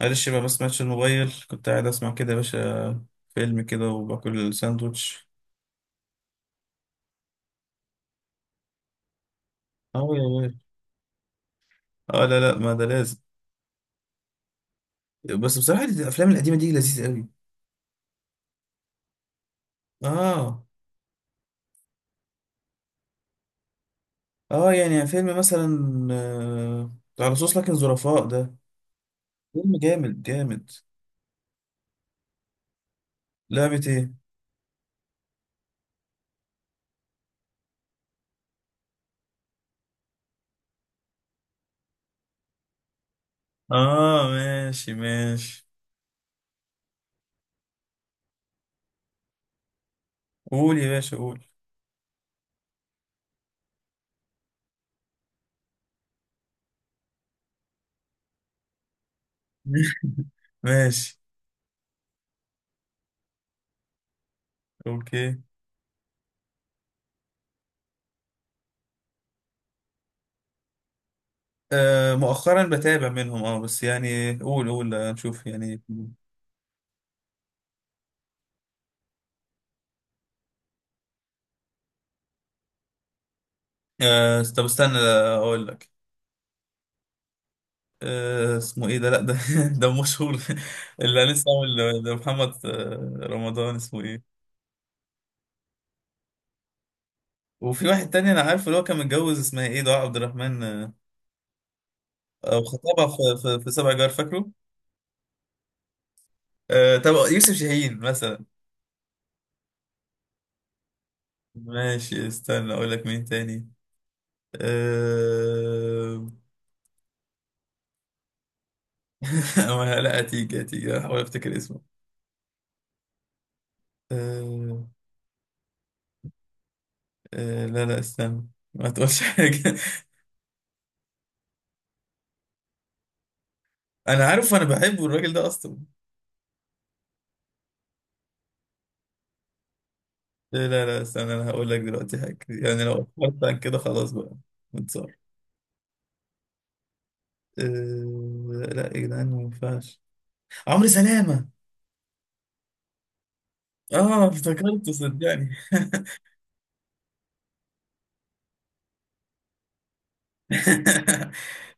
معلش بقى، بس ماتش الموبايل كنت قاعد اسمع كده يا باشا. فيلم كده وباكل ساندوتش. اه يا باشا. اه لا، ما ده لازم. بس بصراحة الافلام القديمة دي لذيذة قوي. اه. اه، يعني فيلم مثلا، آه، على صوص لكن ظرفاء ده. فيلم جامد. لعبة ايه؟ اه، ماشي. قول يا باشا، قول. ماشي. اوكي. آه، مؤخرا بتابع منهم، اه بس يعني قول، نشوف يعني. آه، طب استنى، اقول لك. اسمه ايه ده؟ لا، ده ده مشهور، اللي لسه عامل ده، محمد رمضان، اسمه ايه؟ وفي واحد تاني انا عارفه، اللي هو كان متجوز، اسمها ايه؟ دعاء عبد الرحمن، او خطيبها. في سبع جار، فاكره؟ آه، طب يوسف شاهين مثلا. ماشي، استنى اقول لك مين تاني. آه... لا، هتيجي، هحاول افتكر اسمه. آه... لا، استنى، ما تقولش حاجة. أنا عارف، أنا بحبه الراجل ده أصلا. لا، استنى، انا هقول لك دلوقتي حاجة. يعني لو اتفرجت عن كده خلاص بقى، متصور. أه... لا يا جدعان، ما ينفعش. عمرو سلامة. اه، افتكرته صدقني.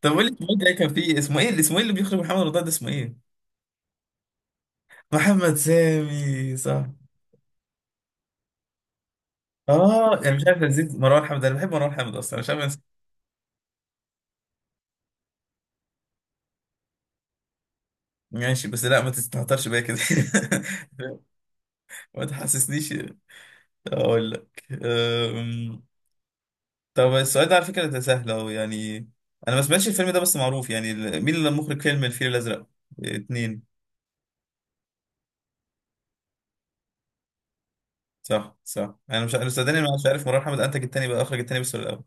طب قول لي، محمد ده كان فيه اسمه ايه، اللي اسمه ايه اللي بيخرج محمد رمضان ده، اسمه ايه؟ محمد سامي، صح. اه انا مش عارف، نسيت مروان حامد، انا بحب مروان حامد اصلا، مش عارف أنسى. ماشي، بس لا ما تستهترش بيا كده. ما تحسسنيش. اقول لك. طب السؤال ده على فكرة ده سهل أهو يعني. أنا ما سمعتش الفيلم ده، بس معروف يعني. مين اللي مخرج فيلم الفيل الأزرق؟ اتنين. صح صح، أنا مش، أنا صدقني أنا مش عارف مرار حامد أنتج التاني بقى، أخرج التاني بس ولا الأول؟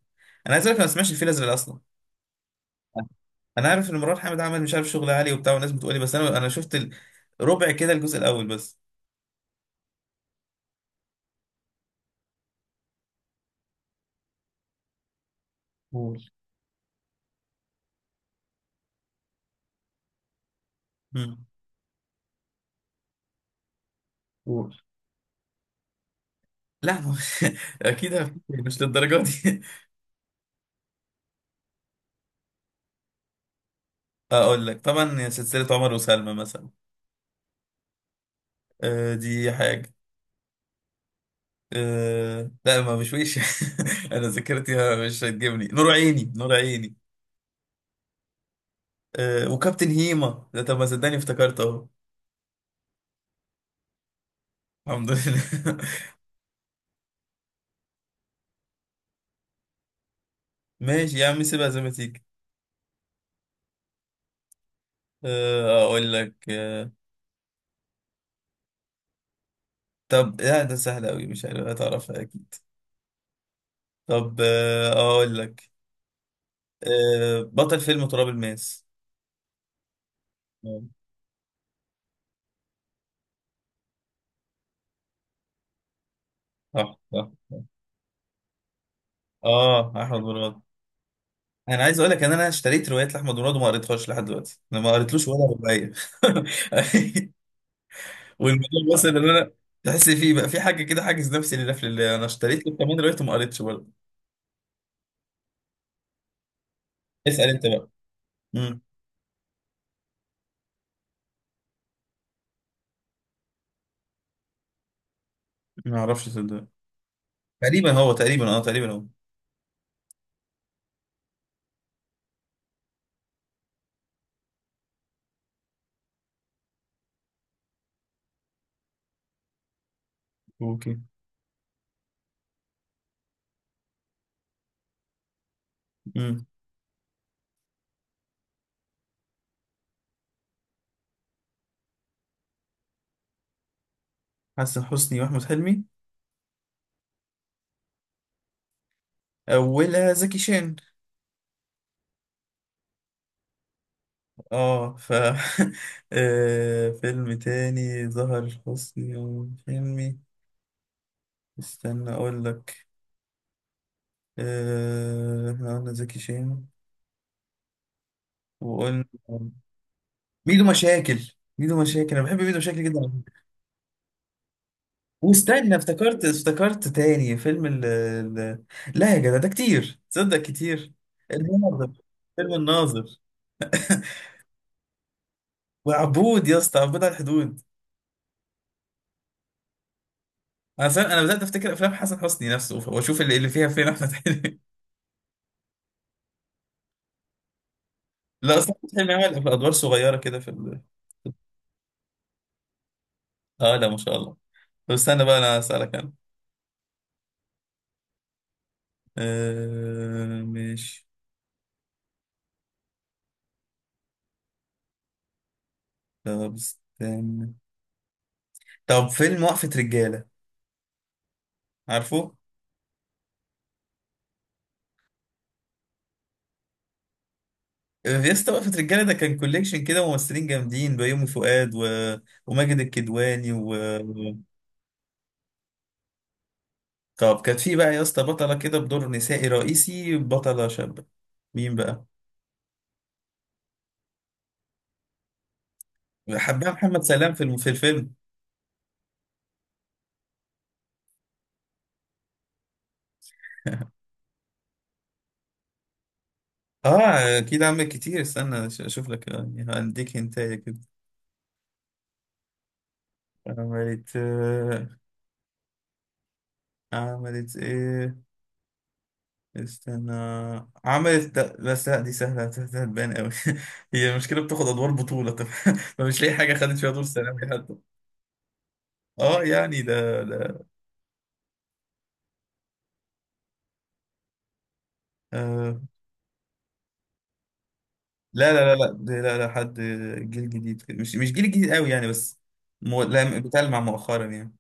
أنا عايز أقول لك، أنا ما سمعتش الفيل الأزرق أصلا. أنا عارف إن مرار حامد عمل مش عارف شغل عالي وبتاع، والناس بتقولي، بس أنا، شفت ربع كده، الجزء الأول بس. قول. مم. قول. لا، ما أكيد هفتكر، مش للدرجة دي. أقول لك، طبعا سلسلة عمر وسلمى مثلا. آه، دي حاجة. أه لا، ما بشويش. انا ذاكرتي مش هتجيبني. نور عيني، نور عيني. أه، وكابتن هيما ده، طب ما صدقني افتكرت اهو. الحمد لله. ماشي يا عم، سيبها زي ما تيجي. أه اقول لك، أه طب لا، ده سهل قوي، مش عارف هتعرفها اكيد. طب أه اقول لك، أه بطل فيلم تراب الماس. آه، صح صح، اه احمد مراد. انا عايز اقول لك ان انا اشتريت روايات لاحمد مراد، وما قريتهاش لحد دلوقتي. انا ما قريتلوش ولا روايه. والموضوع وصل ان انا تحس فيه بقى، في حاجه كده حاجز نفسي، للقفل اللي انا اشتريت له كمان دلوقتي، وما قريتش برضه. اسال انت بقى. امم. ما اعرفش، صدق. تقريبا هو، تقريبا اه، تقريبا هو. اوكي. امم. حسن حسني واحمد حلمي. اولها زكي شان. اه ف آه، فيلم تاني ظهر حسني واحمد حلمي. استنى اقول لك. آه، احنا قلنا زكي شان، وقلنا ميدو مشاكل. ميدو مشاكل، انا بحب ميدو مشاكل جدا. واستنى، افتكرت تاني فيلم، لا يا جدع، ده كتير تصدق، كتير. الناظر، فيلم الناظر. وعبود، يا اسطى عبود على الحدود. انا صار انا بدات افتكر افلام حسن حسني نفسه واشوف اللي فيها فين احمد حلمي. لا اصلا احمد حلمي عمل في ادوار صغيره كده في ال... اه لا، ما شاء الله. طب استنى بقى، انا اسالك انا. آه ماشي. طب استنى. طب فيلم وقفه رجاله، عارفه؟ يا اسطى، وقفة رجالة ده كان كوليكشن كده ممثلين جامدين، بيومي فؤاد و... وماجد الكدواني و... طب كانت في بقى يا اسطى بطلة كده، بدور نسائي رئيسي، بطلة شابة، مين بقى؟ حبها محمد سلام في في الفيلم. اه اكيد عمل كتير، استنى اشوف لك يعني، هنديك هنتايه كده. عملت، عملت ايه؟ استنى. عملت، لا بس لا، دي سهله، هتبان قوي. هي المشكله بتاخد ادوار بطوله، طب. فمش لاقي حاجه خدت فيها دور سلام. اه يعني ده. آه لا، ده، لا لا، حد جيل جديد كده، مش مش جيل جديد قوي يعني، بس لا، بتلمع مؤخرا يعني.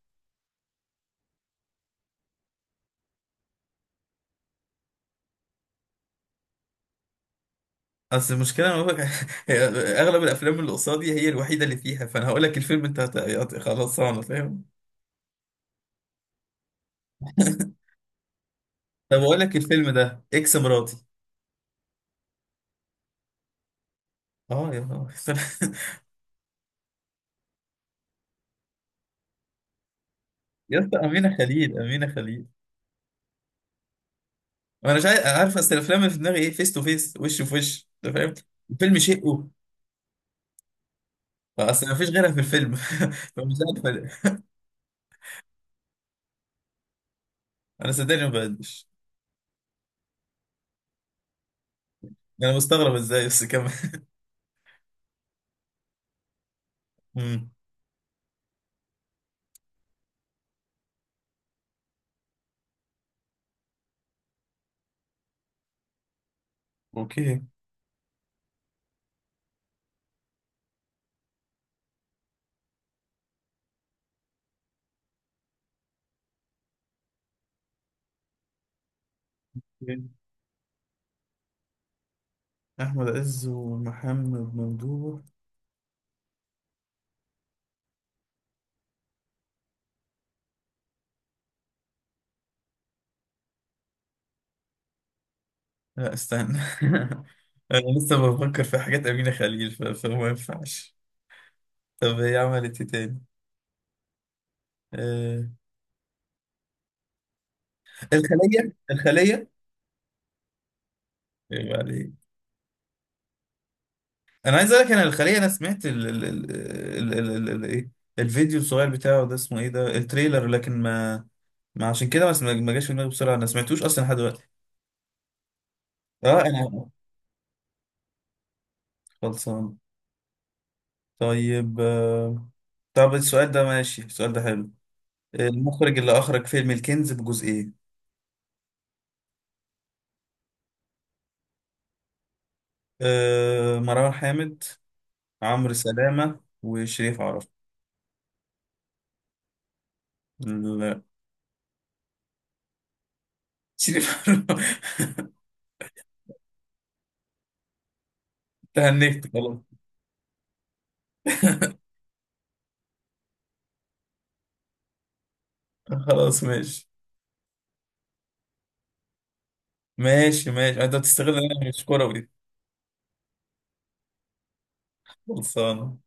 اصل المشكله أنا بقولك. هي اغلب الافلام اللي قصادي، هي الوحيده اللي فيها، فانا هقول لك الفيلم انت خلاص، انا فاهم. طب اقول لك الفيلم ده، اكس مراتي. اه يا نهار. يا اسطى، امينه خليل. انا مش عارف، أنا عارف اصل الافلام اللي في دماغي ايه، فيس تو فيس، وش في وش، انت فاهم. الفيلم شقه، فاصل ما فيش غيرها في الفيلم. فمش عارف. انا صدقني ما بقدش. انا مستغرب ازاي بس كمان. امم. اوكي. احمد عز ومحمد ممدوح. لا استنى. انا لسه بفكر في حاجات امينه خليل، فما ينفعش. طب هي عملت ايه تاني؟ آه، الخليه. ايه عليك. انا عايز اقول لك، انا الخليه انا سمعت ال ايه، الفيديو الصغير بتاعه ده، اسمه ايه ده، التريلر، لكن ما عشان كده ما جاش في دماغي بسرعه. انا سمعتوش اصلا لحد دلوقتي. اه انا. خلصان. طيب آه، طب السؤال ده ماشي، السؤال ده حلو. المخرج اللي أخرج فيلم الكنز بجزئين؟ آه، مروان حامد، عمرو سلامة، وشريف عرفة. لا. شريف عرفة. تهنيت خلاص. خلاص ماشي. ماشي ماشي، انت بتستغل إن انا مش كروي. خلصانة.